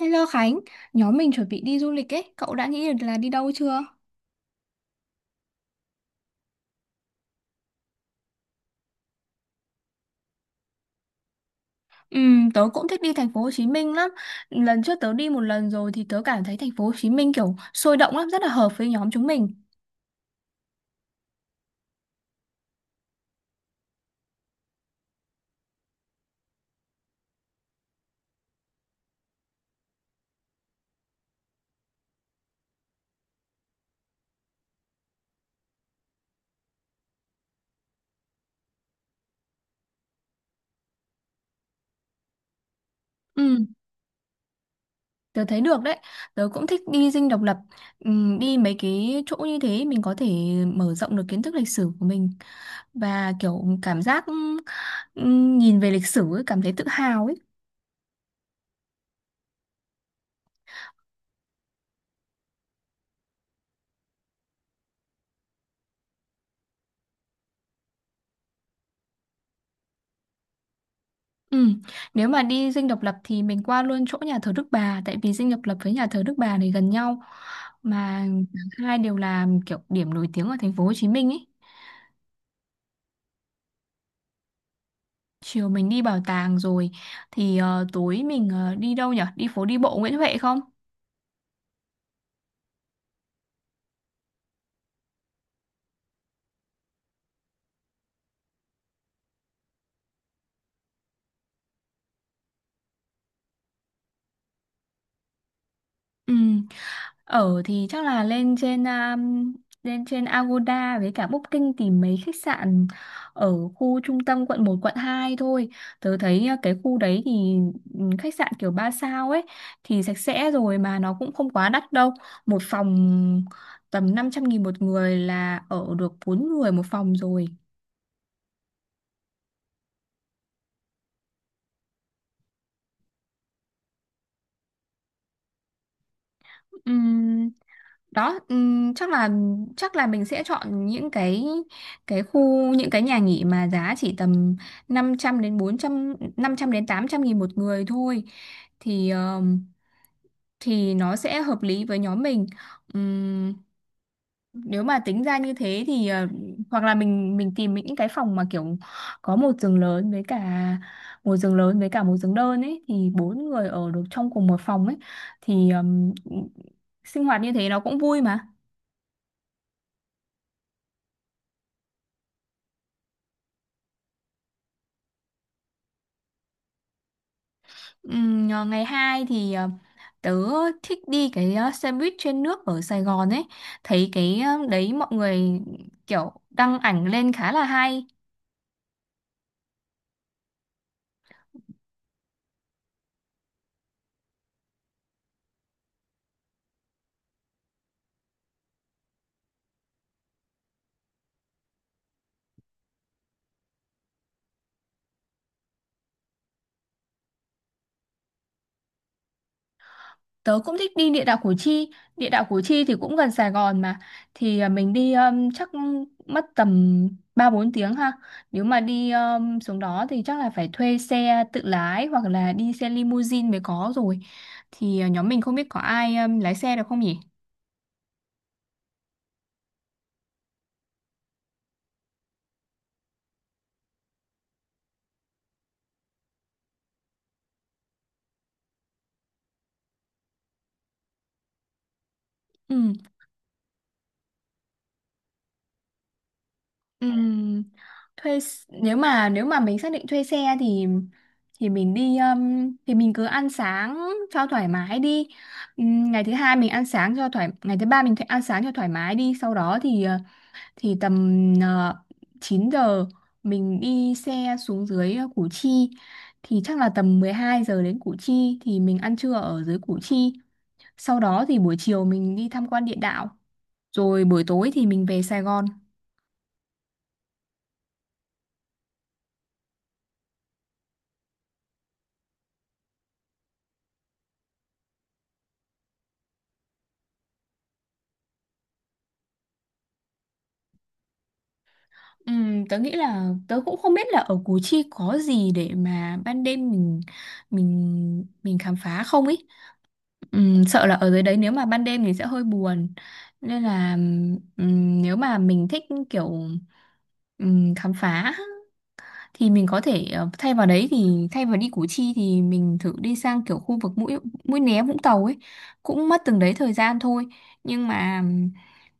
Hello Khánh, nhóm mình chuẩn bị đi du lịch ấy, cậu đã nghĩ được là đi đâu chưa? Ừ, tớ cũng thích đi thành phố Hồ Chí Minh lắm. Lần trước tớ đi một lần rồi thì tớ cảm thấy thành phố Hồ Chí Minh kiểu sôi động lắm, rất là hợp với nhóm chúng mình. Ừ, tớ thấy được đấy. Tớ cũng thích đi Dinh Độc Lập. Ừ, đi mấy cái chỗ như thế mình có thể mở rộng được kiến thức lịch sử của mình và kiểu cảm giác ừ, nhìn về lịch sử ấy, cảm thấy tự hào ấy. Ừ. Nếu mà đi Dinh Độc Lập thì mình qua luôn chỗ nhà thờ Đức Bà tại vì Dinh Độc Lập với nhà thờ Đức Bà này gần nhau mà cả hai đều là kiểu điểm nổi tiếng ở thành phố Hồ Chí Minh ấy. Chiều mình đi bảo tàng rồi thì tối mình đi đâu nhở? Đi phố đi bộ Nguyễn Huệ không? Ừ. Ở thì chắc là lên trên lên trên Agoda với cả Booking tìm mấy khách sạn ở khu trung tâm quận một quận 2 thôi. Tớ thấy cái khu đấy thì khách sạn kiểu 3 sao ấy thì sạch sẽ rồi mà nó cũng không quá đắt đâu. Một phòng tầm 500.000 một người là ở được 4 người một phòng rồi. Đó, chắc là mình sẽ chọn những cái khu những cái nhà nghỉ mà giá chỉ tầm năm trăm đến 800 nghìn một người thôi thì ờm, thì nó sẽ hợp lý với nhóm mình. Ừm, Nếu mà tính ra như thế thì hoặc là mình tìm những cái phòng mà kiểu có một giường lớn với cả một giường lớn với cả một giường đơn ấy thì bốn người ở được trong cùng một phòng ấy thì sinh hoạt như thế nó cũng vui mà. Ờ, Ngày 2 thì tớ thích đi cái xe buýt trên nước ở Sài Gòn ấy, thấy cái đấy mọi người kiểu đăng ảnh lên khá là hay. Tớ cũng thích đi địa đạo Củ Chi. Địa đạo Củ Chi thì cũng gần Sài Gòn mà, thì mình đi chắc mất tầm ba bốn tiếng ha. Nếu mà đi xuống đó thì chắc là phải thuê xe tự lái hoặc là đi xe limousine mới có rồi, thì nhóm mình không biết có ai lái xe được không nhỉ. Ừ. Ừm, nếu mà mình xác định thuê xe thì mình đi thì mình cứ ăn sáng cho thoải mái đi. Ngày thứ hai mình ăn sáng cho thoải Ngày thứ ba mình ăn sáng cho thoải mái đi, sau đó thì thì tầm 9 giờ mình đi xe xuống dưới Củ Chi, thì chắc là tầm 12 giờ đến Củ Chi thì mình ăn trưa ở dưới Củ Chi, sau đó thì buổi chiều mình đi tham quan địa đạo, rồi buổi tối thì mình về Sài Gòn. Tớ nghĩ là tớ cũng không biết là ở Củ Chi có gì để mà ban đêm mình khám phá không ý. Sợ là ở dưới đấy nếu mà ban đêm thì sẽ hơi buồn. Nên là nếu mà mình thích kiểu khám phá thì mình có thể thay vào đi Củ Chi thì mình thử đi sang kiểu khu vực Mũi Mũi Né Vũng Tàu ấy, cũng mất từng đấy thời gian thôi, nhưng mà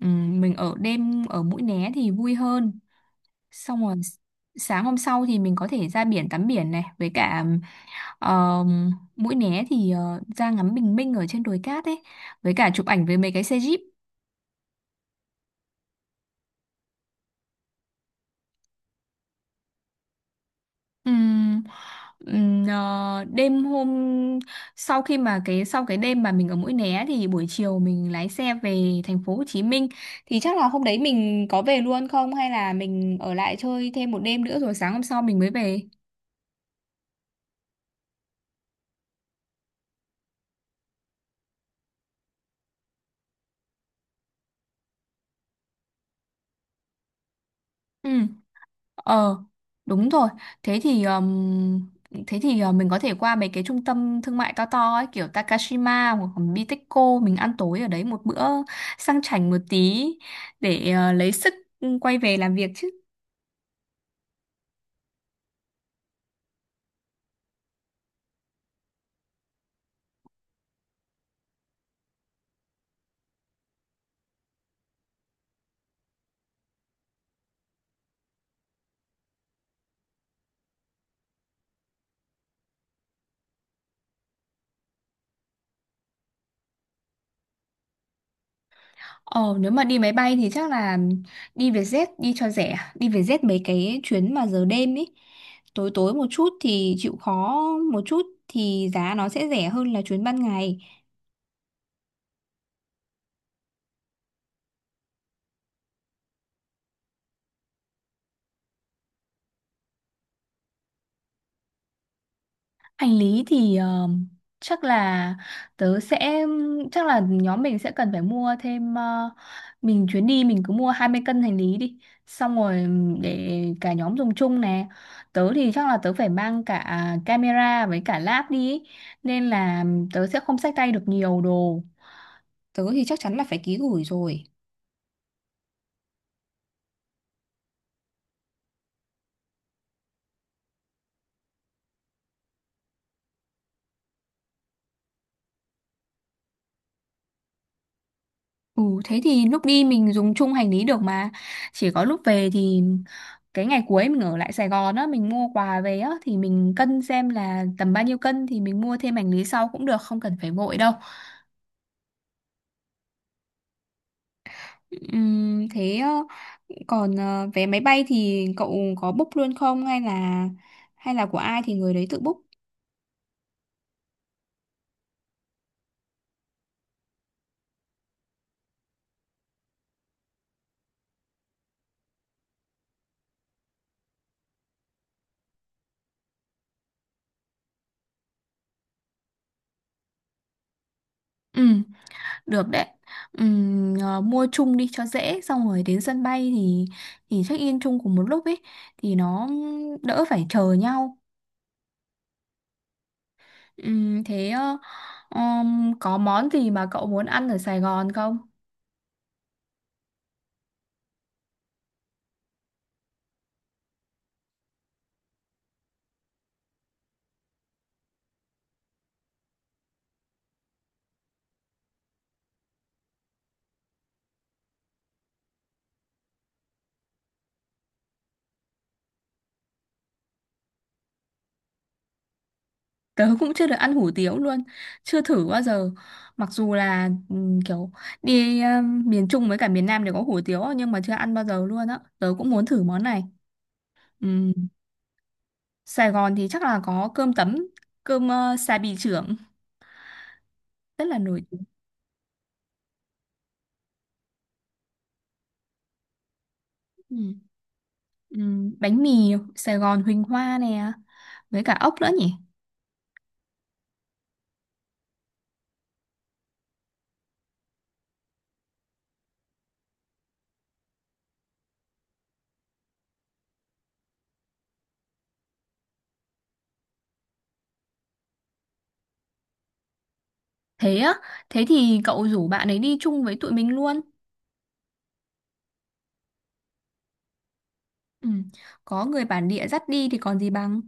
mình ở đêm ở Mũi Né thì vui hơn, xong rồi sáng hôm sau thì mình có thể ra biển, tắm biển này với cả Mũi Né thì ra ngắm bình minh ở trên đồi cát ấy, với cả chụp ảnh với mấy cái xe jeep. Ừm, Đêm hôm sau, khi mà sau cái đêm mà mình ở Mũi Né thì buổi chiều mình lái xe về thành phố Hồ Chí Minh, thì chắc là hôm đấy mình có về luôn không hay là mình ở lại chơi thêm một đêm nữa rồi sáng hôm sau mình mới về. Ừ. Ờ, đúng rồi. Thế thì mình có thể qua mấy cái trung tâm thương mại to to ấy, kiểu Takashima hoặc là Bitexco, mình ăn tối ở đấy một bữa sang chảnh một tí để lấy sức quay về làm việc chứ. Ờ, nếu mà đi máy bay thì chắc là đi Vietjet đi cho rẻ, đi Vietjet mấy cái chuyến mà giờ đêm ấy. Tối tối một chút thì chịu khó một chút thì giá nó sẽ rẻ hơn là chuyến ban ngày. Hành lý thì chắc là tớ sẽ chắc là nhóm mình sẽ cần phải mua thêm, mình chuyến đi mình cứ mua 20 cân hành lý đi, xong rồi để cả nhóm dùng chung nè. Tớ thì chắc là tớ phải mang cả camera với cả lab đi ý, nên là tớ sẽ không xách tay được nhiều đồ, tớ thì chắc chắn là phải ký gửi rồi. Ừ, thế thì lúc đi mình dùng chung hành lý được mà, chỉ có lúc về thì cái ngày cuối mình ở lại Sài Gòn á, mình mua quà về á thì mình cân xem là tầm bao nhiêu cân thì mình mua thêm hành lý sau cũng được, không cần phải vội đâu. Thế còn vé máy bay thì cậu có book luôn không hay là của ai thì người đấy tự book. Ừ, được đấy. Mua chung đi cho dễ, xong rồi đến sân bay thì check in chung cùng một lúc ấy thì nó đỡ phải chờ nhau. Thế có món gì mà cậu muốn ăn ở Sài Gòn không? Tớ cũng chưa được ăn hủ tiếu luôn, chưa thử bao giờ. Mặc dù là kiểu đi miền Trung với cả miền Nam đều có hủ tiếu nhưng mà chưa ăn bao giờ luôn á. Tớ cũng muốn thử món này. Ừm, Sài Gòn thì chắc là có cơm tấm, cơm xà bì trưởng rất là nổi tiếng. Ừm, Bánh mì Sài Gòn Huỳnh Hoa nè, với cả ốc nữa nhỉ? Thế á, thế thì cậu rủ bạn ấy đi chung với tụi mình luôn. Ừ. Có người bản địa dắt đi thì còn gì bằng.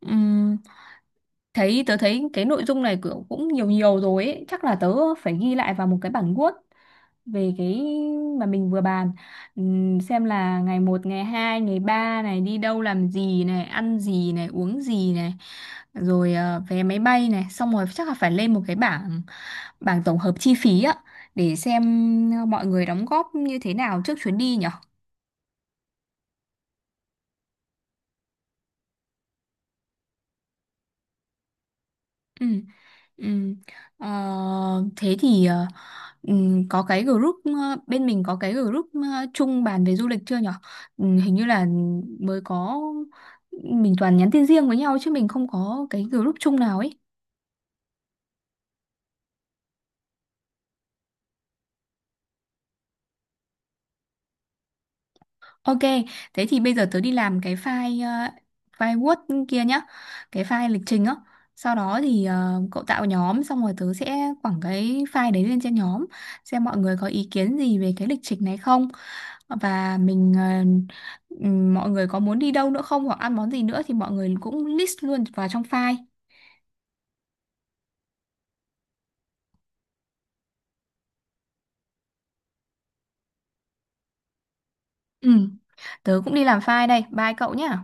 Ừm, Tớ thấy cái nội dung này kiểu cũng nhiều nhiều rồi ấy. Chắc là tớ phải ghi lại vào một cái bản Word về cái mà mình vừa bàn. Xem là ngày một ngày 2 ngày 3 này đi đâu làm gì này, ăn gì này, uống gì này, rồi vé máy bay này, xong rồi chắc là phải lên một cái bảng bảng tổng hợp chi phí á để xem mọi người đóng góp như thế nào trước chuyến đi nhở. Ừ. Ừ. Ờ, thế thì ừ, có cái group ờ, bên mình có cái group chung bàn về du lịch chưa nhở? Ừ, hình như là mới có, mình toàn nhắn tin riêng với nhau chứ mình không có cái group chung nào ấy. Ok, thế thì bây giờ tớ đi làm file Word kia nhá, cái file lịch trình á. Sau đó thì cậu tạo nhóm xong rồi tớ sẽ quẳng cái file đấy lên trên nhóm xem mọi người có ý kiến gì về cái lịch trình này không. Và mọi người có muốn đi đâu nữa không hoặc ăn món gì nữa thì mọi người cũng list luôn vào trong file. Ừ, tớ cũng đi làm file đây. Bye cậu nhá.